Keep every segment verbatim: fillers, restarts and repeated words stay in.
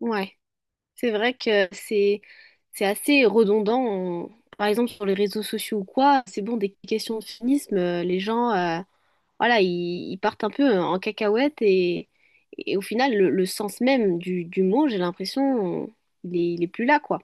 Ouais, c'est vrai que c'est c'est assez redondant. On- Par exemple, sur les réseaux sociaux ou quoi, c'est bon, des questions de féminisme, euh, les gens, euh, voilà, ils, ils partent un peu en cacahuète et, et au final, le, le sens même du, du mot, j'ai l'impression, on- il est, il est plus là, quoi.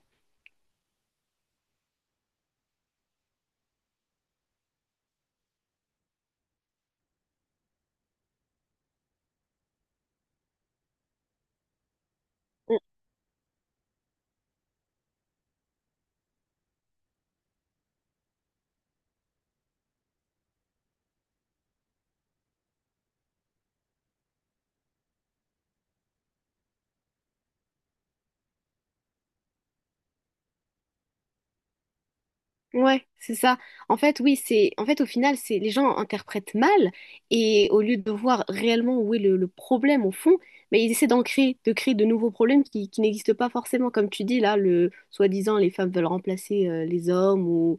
Ouais, c'est ça. En fait, oui, c'est en fait au final, c'est les gens interprètent mal et au lieu de voir réellement où est le, le problème au fond, mais ils essaient d'en créer, de créer de nouveaux problèmes qui, qui n'existent pas forcément. Comme tu dis là, le soi-disant les femmes veulent remplacer euh, les hommes ou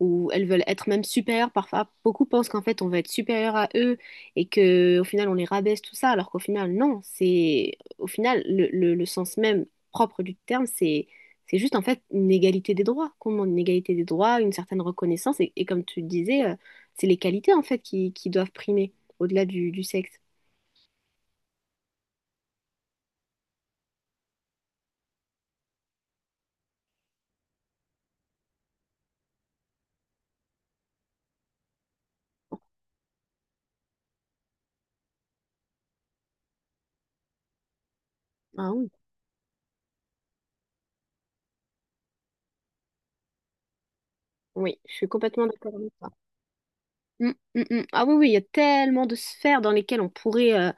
ou elles veulent être même supérieures. Parfois, beaucoup pensent qu'en fait on va être supérieur à eux et que au final on les rabaisse tout ça, alors qu'au final non. C'est au final le, le le sens même propre du terme, c'est juste en fait une égalité des droits, qu'on demande une égalité des droits, une certaine reconnaissance, et, et comme tu le disais, euh, c'est les qualités en fait qui, qui doivent primer au-delà du, du sexe. Ah oui. Oui, je suis complètement d'accord avec toi. Mm, mm, mm. Ah oui, oui, il y a tellement de sphères dans lesquelles on pourrait euh,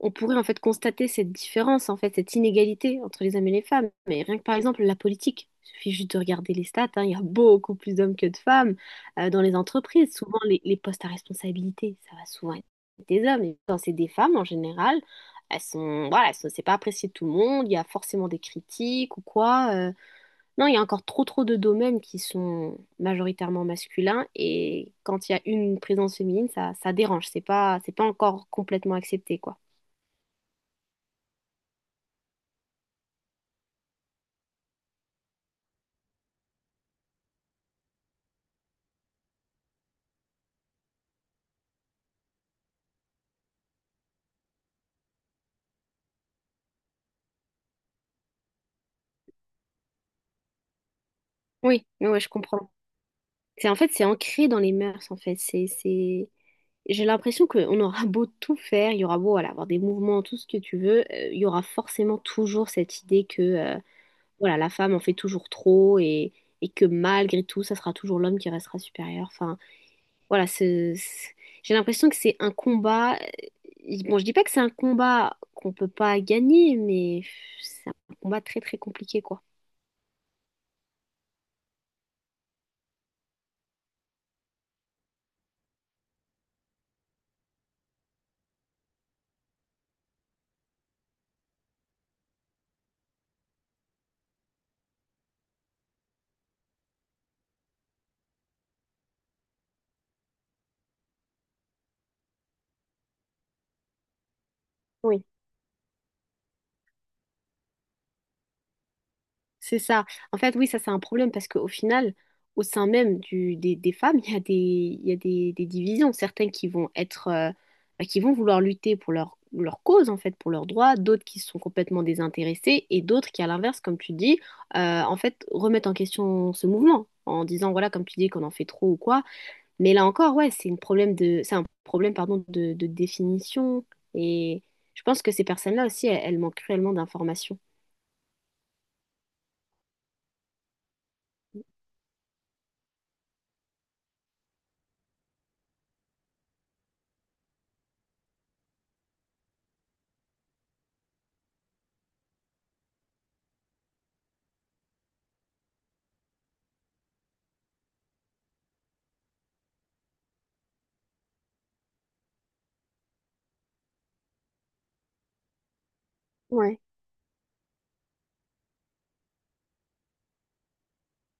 on pourrait en fait constater cette différence, en fait, cette inégalité entre les hommes et les femmes. Mais rien que par exemple la politique, il suffit juste de regarder les stats, hein, il y a beaucoup plus d'hommes que de femmes euh, dans les entreprises. Souvent, les, les postes à responsabilité, ça va souvent être des hommes. Et quand c'est des femmes en général, elles sont, voilà, elles sont- c'est pas apprécié de tout le monde, il y a forcément des critiques ou quoi. euh. Non, il y a encore trop trop de domaines qui sont majoritairement masculins et quand il y a une présence féminine, ça, ça dérange, c'est pas, c'est pas encore complètement accepté, quoi. Oui, oui, ouais, je comprends. C'est en fait, c'est ancré dans les mœurs, en fait. C'est, c'est... J'ai l'impression qu'on aura beau tout faire, il y aura beau voilà, avoir des mouvements, tout ce que tu veux, euh, il y aura forcément toujours cette idée que euh, voilà, la femme en fait toujours trop et, et que malgré tout, ça sera toujours l'homme qui restera supérieur. Enfin, Voilà, ce- ce- j'ai l'impression que c'est un combat. euh, Bon, je dis pas que c'est un combat qu'on peut pas gagner, mais c'est un combat très très compliqué, quoi. Oui. C'est ça. En fait, oui, ça c'est un problème parce qu'au final, au sein même du, des, des femmes, il y a des, il y a des, des divisions. Certaines qui vont être, euh, bah, qui vont vouloir lutter pour leur, leur cause, en fait, pour leurs droits, d'autres qui sont complètement désintéressées et d'autres qui, à l'inverse, comme tu dis, euh, en fait, remettent en question ce mouvement en disant, voilà, comme tu dis, qu'on en fait trop ou quoi. Mais là encore, ouais, c'est une problème de, c'est un problème, pardon, de, de définition. Et je pense que ces personnes-là aussi, elles, elles manquent cruellement d'informations.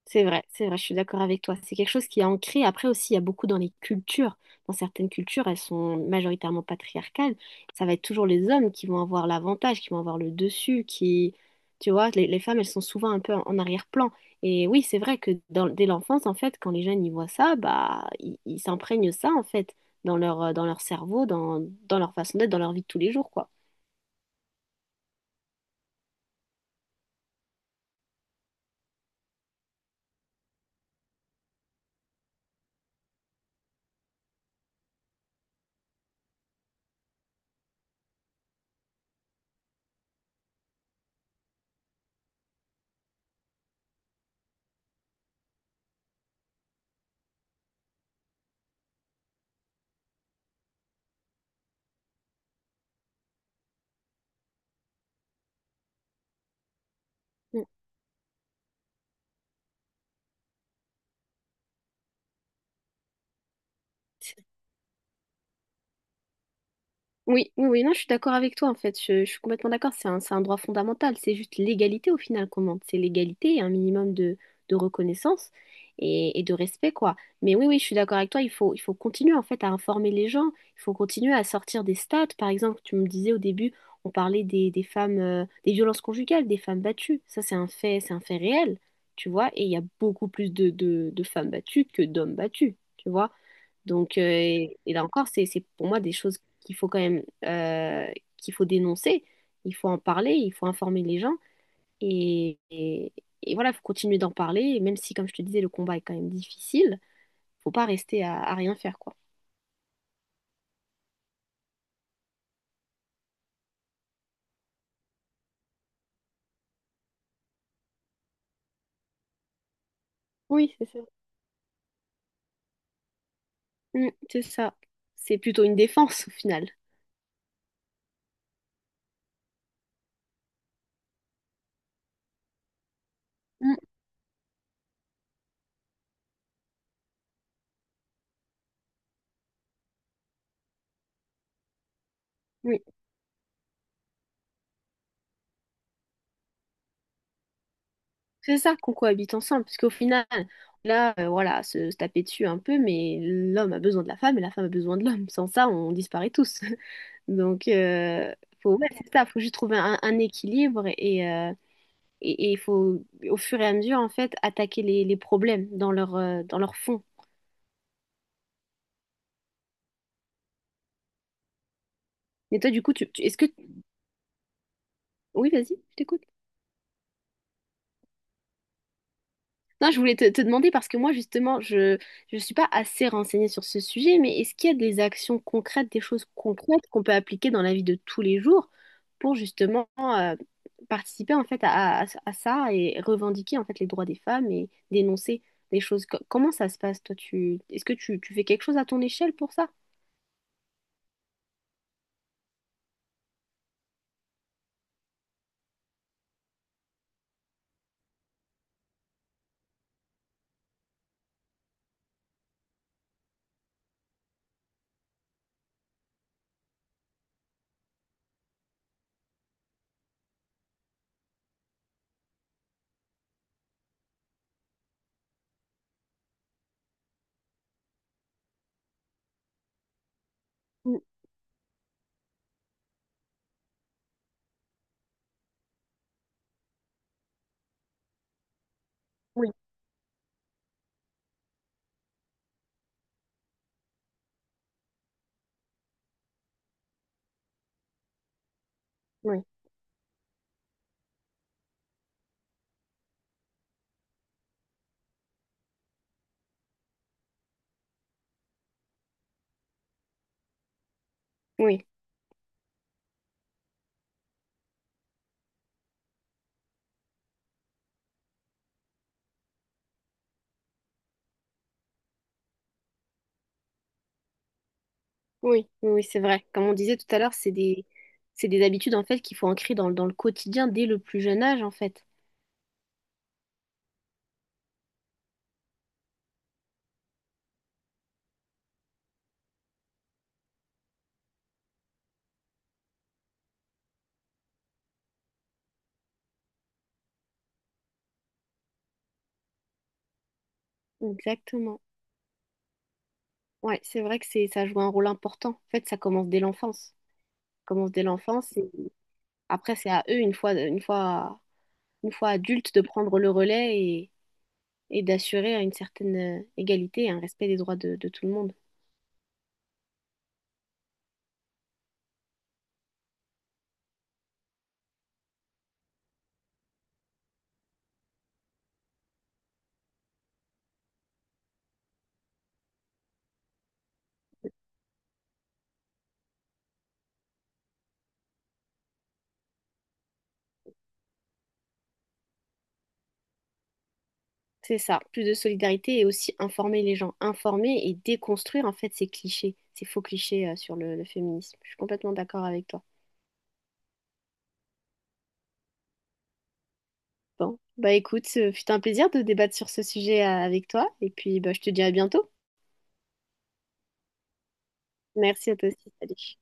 C'est vrai, c'est vrai, je suis d'accord avec toi. C'est quelque chose qui est ancré. Après aussi, il y a beaucoup dans les cultures. Dans certaines cultures, elles sont majoritairement patriarcales. Ça va être toujours les hommes qui vont avoir l'avantage, qui vont avoir le dessus, qui... Tu vois, les, les femmes, elles sont souvent un peu en en arrière-plan. Et oui, c'est vrai que dans- dès l'enfance, en fait, quand les jeunes y voient ça, bah, ils ils s'imprègnent ça, en fait, dans leur, euh, dans leur cerveau, dans, dans leur façon d'être, dans leur vie de tous les jours, quoi. Mm. Oui, oui, oui, non, je suis d'accord avec toi en fait. Je, je suis complètement d'accord. C'est un, c'est un droit fondamental. C'est juste l'égalité au final qu'on demande. C'est l'égalité et un minimum de, de reconnaissance et, et de respect, quoi. Mais oui, oui, je suis d'accord avec toi. Il faut, il faut continuer en fait à informer les gens. Il faut continuer à sortir des stats. Par exemple, tu me disais au début, on parlait des, des femmes, euh, des violences conjugales, des femmes battues. Ça, c'est un fait, c'est un fait réel, tu vois. Et il y a beaucoup plus de, de, de femmes battues que d'hommes battus, tu vois. Donc, euh, et, et là encore, c'est, c'est pour moi des choses qu'il faut quand même, euh, qu'il faut dénoncer, il faut en parler, il faut informer les gens. Et, et, et voilà, il faut continuer d'en parler, et même si, comme je te disais, le combat est quand même difficile, faut pas rester à, à rien faire, quoi. Oui, c'est ça. Mm, c'est ça. C'est plutôt une défense, au final. Mm, oui. C'est ça qu'on cohabite ensemble, parce qu'au final, là, euh, voilà, se, se taper dessus un peu, mais l'homme a besoin de la femme et la femme a besoin de l'homme. Sans ça, on disparaît tous. Donc, euh, faut, ouais, c'est ça, faut juste trouver un, un équilibre et, euh, et, et il faut, au fur et à mesure, en fait, attaquer les, les problèmes dans leur, euh, dans leur fond. Mais toi, du coup, tu, tu- est-ce que... Oui, vas-y, je t'écoute. Non, je voulais te, te demander parce que moi, justement, je ne suis pas assez renseignée sur ce sujet, mais est-ce qu'il y a des actions concrètes, des choses concrètes qu'on peut appliquer dans la vie de tous les jours pour justement euh, participer en fait à, à- à ça et revendiquer en fait les droits des femmes et dénoncer des choses? Co- Comment ça se passe, toi, tu, est-ce que tu, tu fais quelque chose à ton échelle pour ça? Mm, Oui, oui, oui, oui, oui, oui, c'est vrai. Comme on disait tout à l'heure, c'est des, c'est des habitudes en fait qu'il faut ancrer dans, dans le quotidien dès le plus jeune âge en fait. Exactement. Ouais, c'est vrai que c'est ça joue un rôle important. En fait, ça commence dès l'enfance. Ça commence dès l'enfance et après c'est à eux une fois une fois une fois adultes de prendre le relais et, et d'assurer une certaine euh, égalité et un respect des droits de, de tout le monde. C'est ça, plus de solidarité et aussi informer les gens, informer et déconstruire en fait ces clichés, ces faux clichés euh, sur le, le féminisme. Je suis complètement d'accord avec toi. Bon, bah écoute, ce fut un plaisir de débattre sur ce sujet euh, avec toi et puis bah je te dis à bientôt. Merci à toi aussi. Salut.